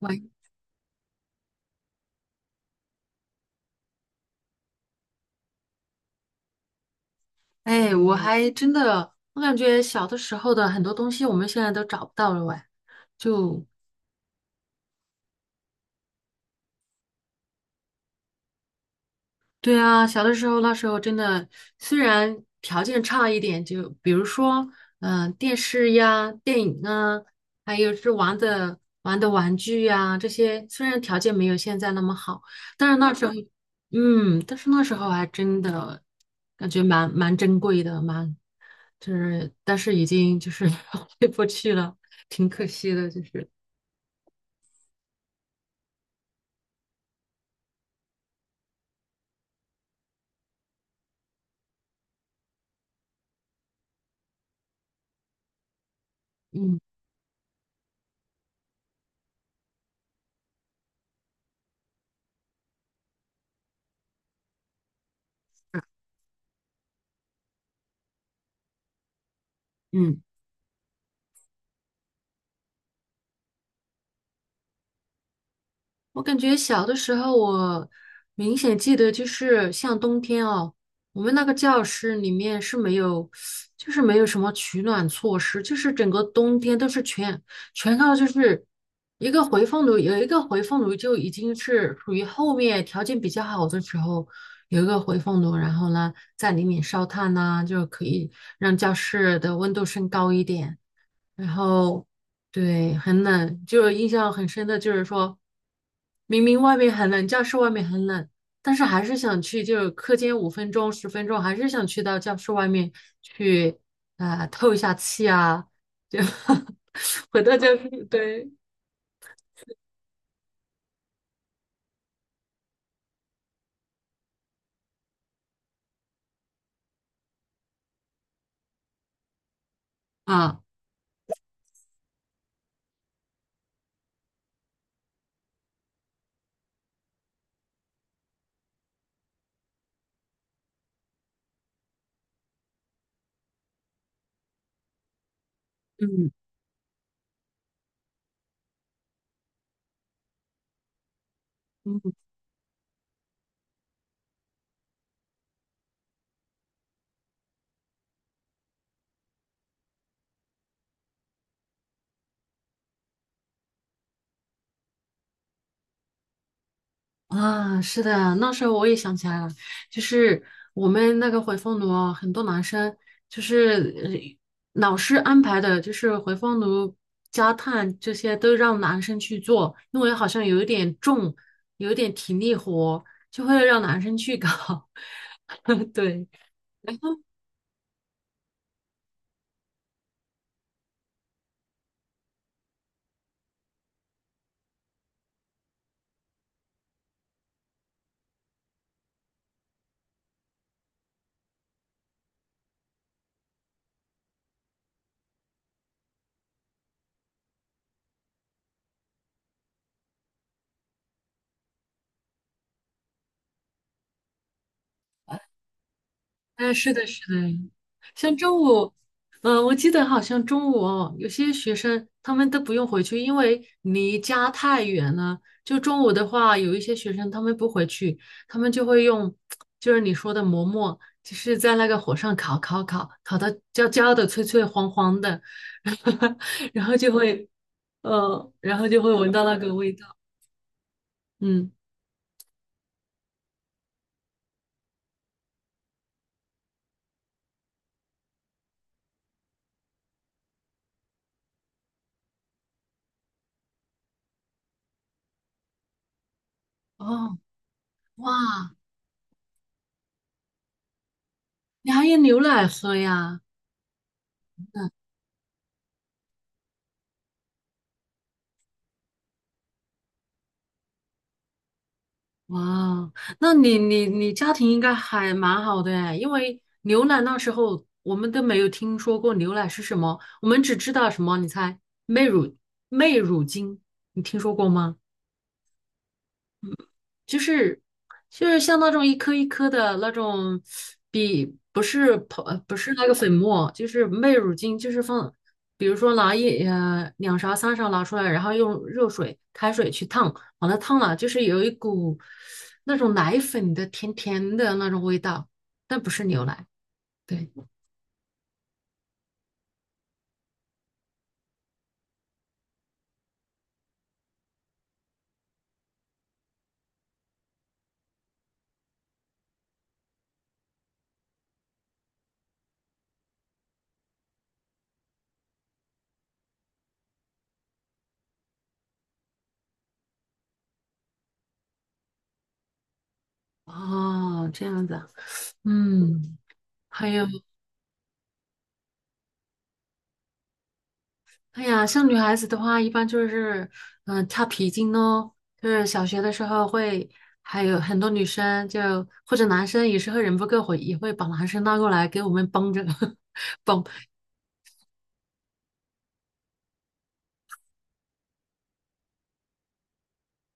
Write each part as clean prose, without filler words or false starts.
喂，哎，我还真的，我感觉小的时候的很多东西，我们现在都找不到了喂，就对啊，小的时候那时候真的，虽然条件差一点，就比如说，电视呀、电影啊，还有是玩的玩具呀，这些虽然条件没有现在那么好，但是那时候，但是那时候还真的感觉蛮珍贵的，蛮就是，但是已经就是 回不去了，挺可惜的，就是，嗯。嗯。我感觉小的时候，我明显记得就是像冬天哦，我们那个教室里面是没有，就是没有什么取暖措施，就是整个冬天都是全靠就是一个回风炉，有一个回风炉就已经是属于后面条件比较好的时候有一个回风炉，然后呢在里面烧炭呐、就可以让教室的温度升高一点。然后对，很冷，就是印象很深的，就是说明明外面很冷，教室外面很冷，但是还是想去，就是课间五分钟、十分钟，还是想去到教室外面去透一下气啊，就 回到教室，对啊，嗯，嗯。啊，是的，那时候我也想起来了，就是我们那个回风炉啊，很多男生就是老师安排的，就是回风炉、加炭这些都让男生去做，因为好像有一点重，有一点体力活，就会让男生去搞。对，哎，是的，是的，像中午，我记得好像中午哦，有些学生他们都不用回去，因为离家太远了。就中午的话，有一些学生他们不回去，他们就会用，就是你说的馍馍，就是在那个火上烤，烤到焦焦的、脆脆黄黄的，然后就会，然后就会闻到那个味道。嗯，哦，哇，你还有牛奶喝呀？哇哦那你家庭应该还蛮好的哎，因为牛奶那时候我们都没有听说过牛奶是什么，我们只知道什么，你猜，媚乳媚乳精，你听说过吗？就是就是像那种一颗一颗的那种比不是那个粉末，就是麦乳精，就是放，比如说拿一两勺三勺拿出来，然后用热水开水去烫，把它烫了，就是有一股那种奶粉的甜甜的那种味道，但不是牛奶。对，哦，这样子啊，嗯，还有。哎呀，像女孩子的话，一般就是，跳皮筋咯，就是小学的时候会，还有很多女生就或者男生有时候人不够会，也会把男生拉过来给我们帮着 帮。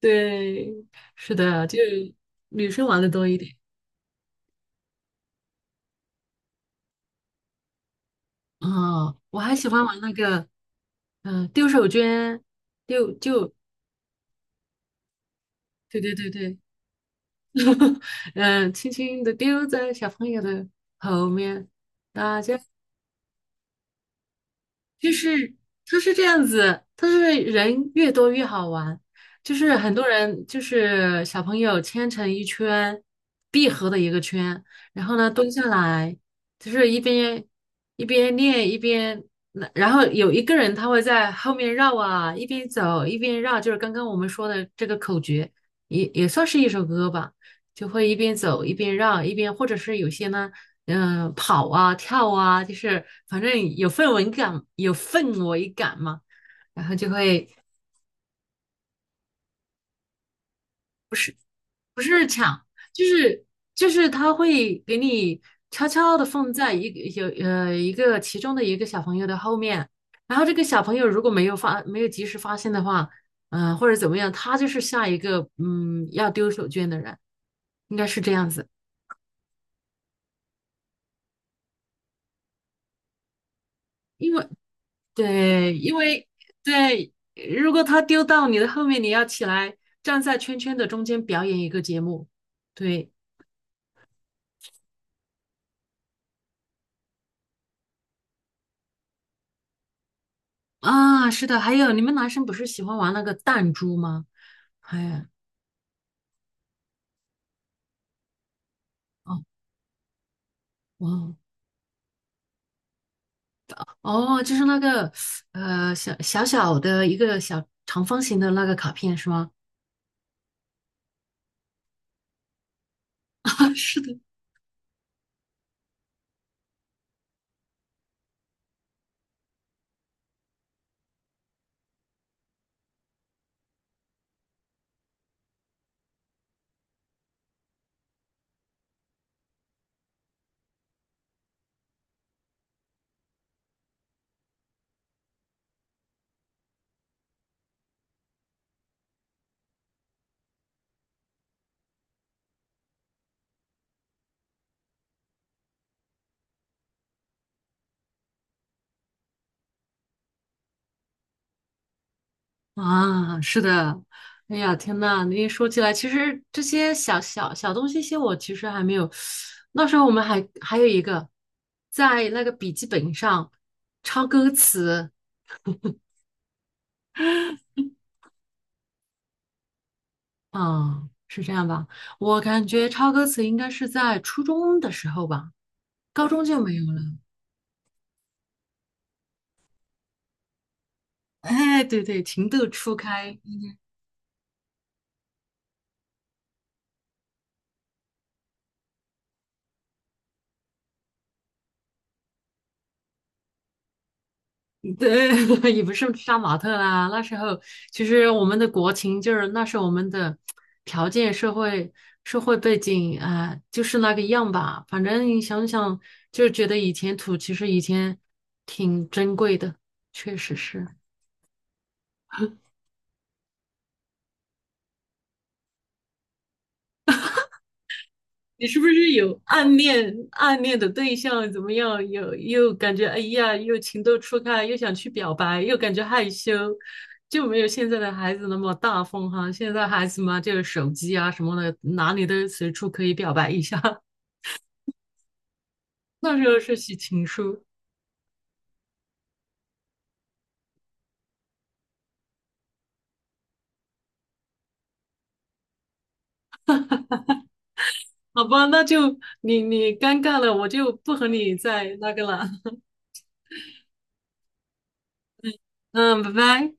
对，是的，就女生玩的多一点。啊，我还喜欢玩那个，丢手绢，丢就对对对对，嗯、轻轻的丢在小朋友的后面，大家。就是它是这样子，它是人越多越好玩，就是很多人就是小朋友牵成一圈闭合的一个圈，然后呢蹲下来，就是一边一边练一边，那然后有一个人他会在后面绕啊，一边走一边绕，就是刚刚我们说的这个口诀，也算是一首歌吧。就会一边走一边绕，一边或者是有些呢，跑啊跳啊，就是反正有氛围感，有氛围感嘛，然后就会不是抢，就是就是他会给你悄悄的放在一个有一个其中的一个小朋友的后面，然后这个小朋友如果没有没有及时发现的话，或者怎么样，他就是下一个嗯要丢手绢的人，应该是这样子。因为对，因为对，如果他丢到你的后面，你要起来站在圈圈的中间表演一个节目。对啊，是的，还有你们男生不是喜欢玩那个弹珠吗？还有哦哦哦，就是那个小小小的一个小长方形的那个卡片是吗？啊，是的。啊，是的，哎呀，天呐，你一说起来，其实这些小小小东西，些我其实还没有。那时候我们还有一个，在那个笔记本上抄歌词，啊，是这样吧？我感觉抄歌词应该是在初中的时候吧，高中就没有了。哎，对对，情窦初开，对，也不是杀马特啦。那时候其实我们的国情就是那时候我们的条件、社会、社会背景啊、就是那个样吧。反正你想想，就觉得以前土其实以前挺珍贵的，确实是。你是不是有暗恋暗恋的对象？怎么样？有又感觉哎呀，又情窦初开，又想去表白，又感觉害羞，就没有现在的孩子那么大方哈。现在孩子嘛，就个手机啊什么的，哪里都随处可以表白一下。那时候是写情书，好吧？那就你你尴尬了，我就不和你再那个了。嗯，拜拜。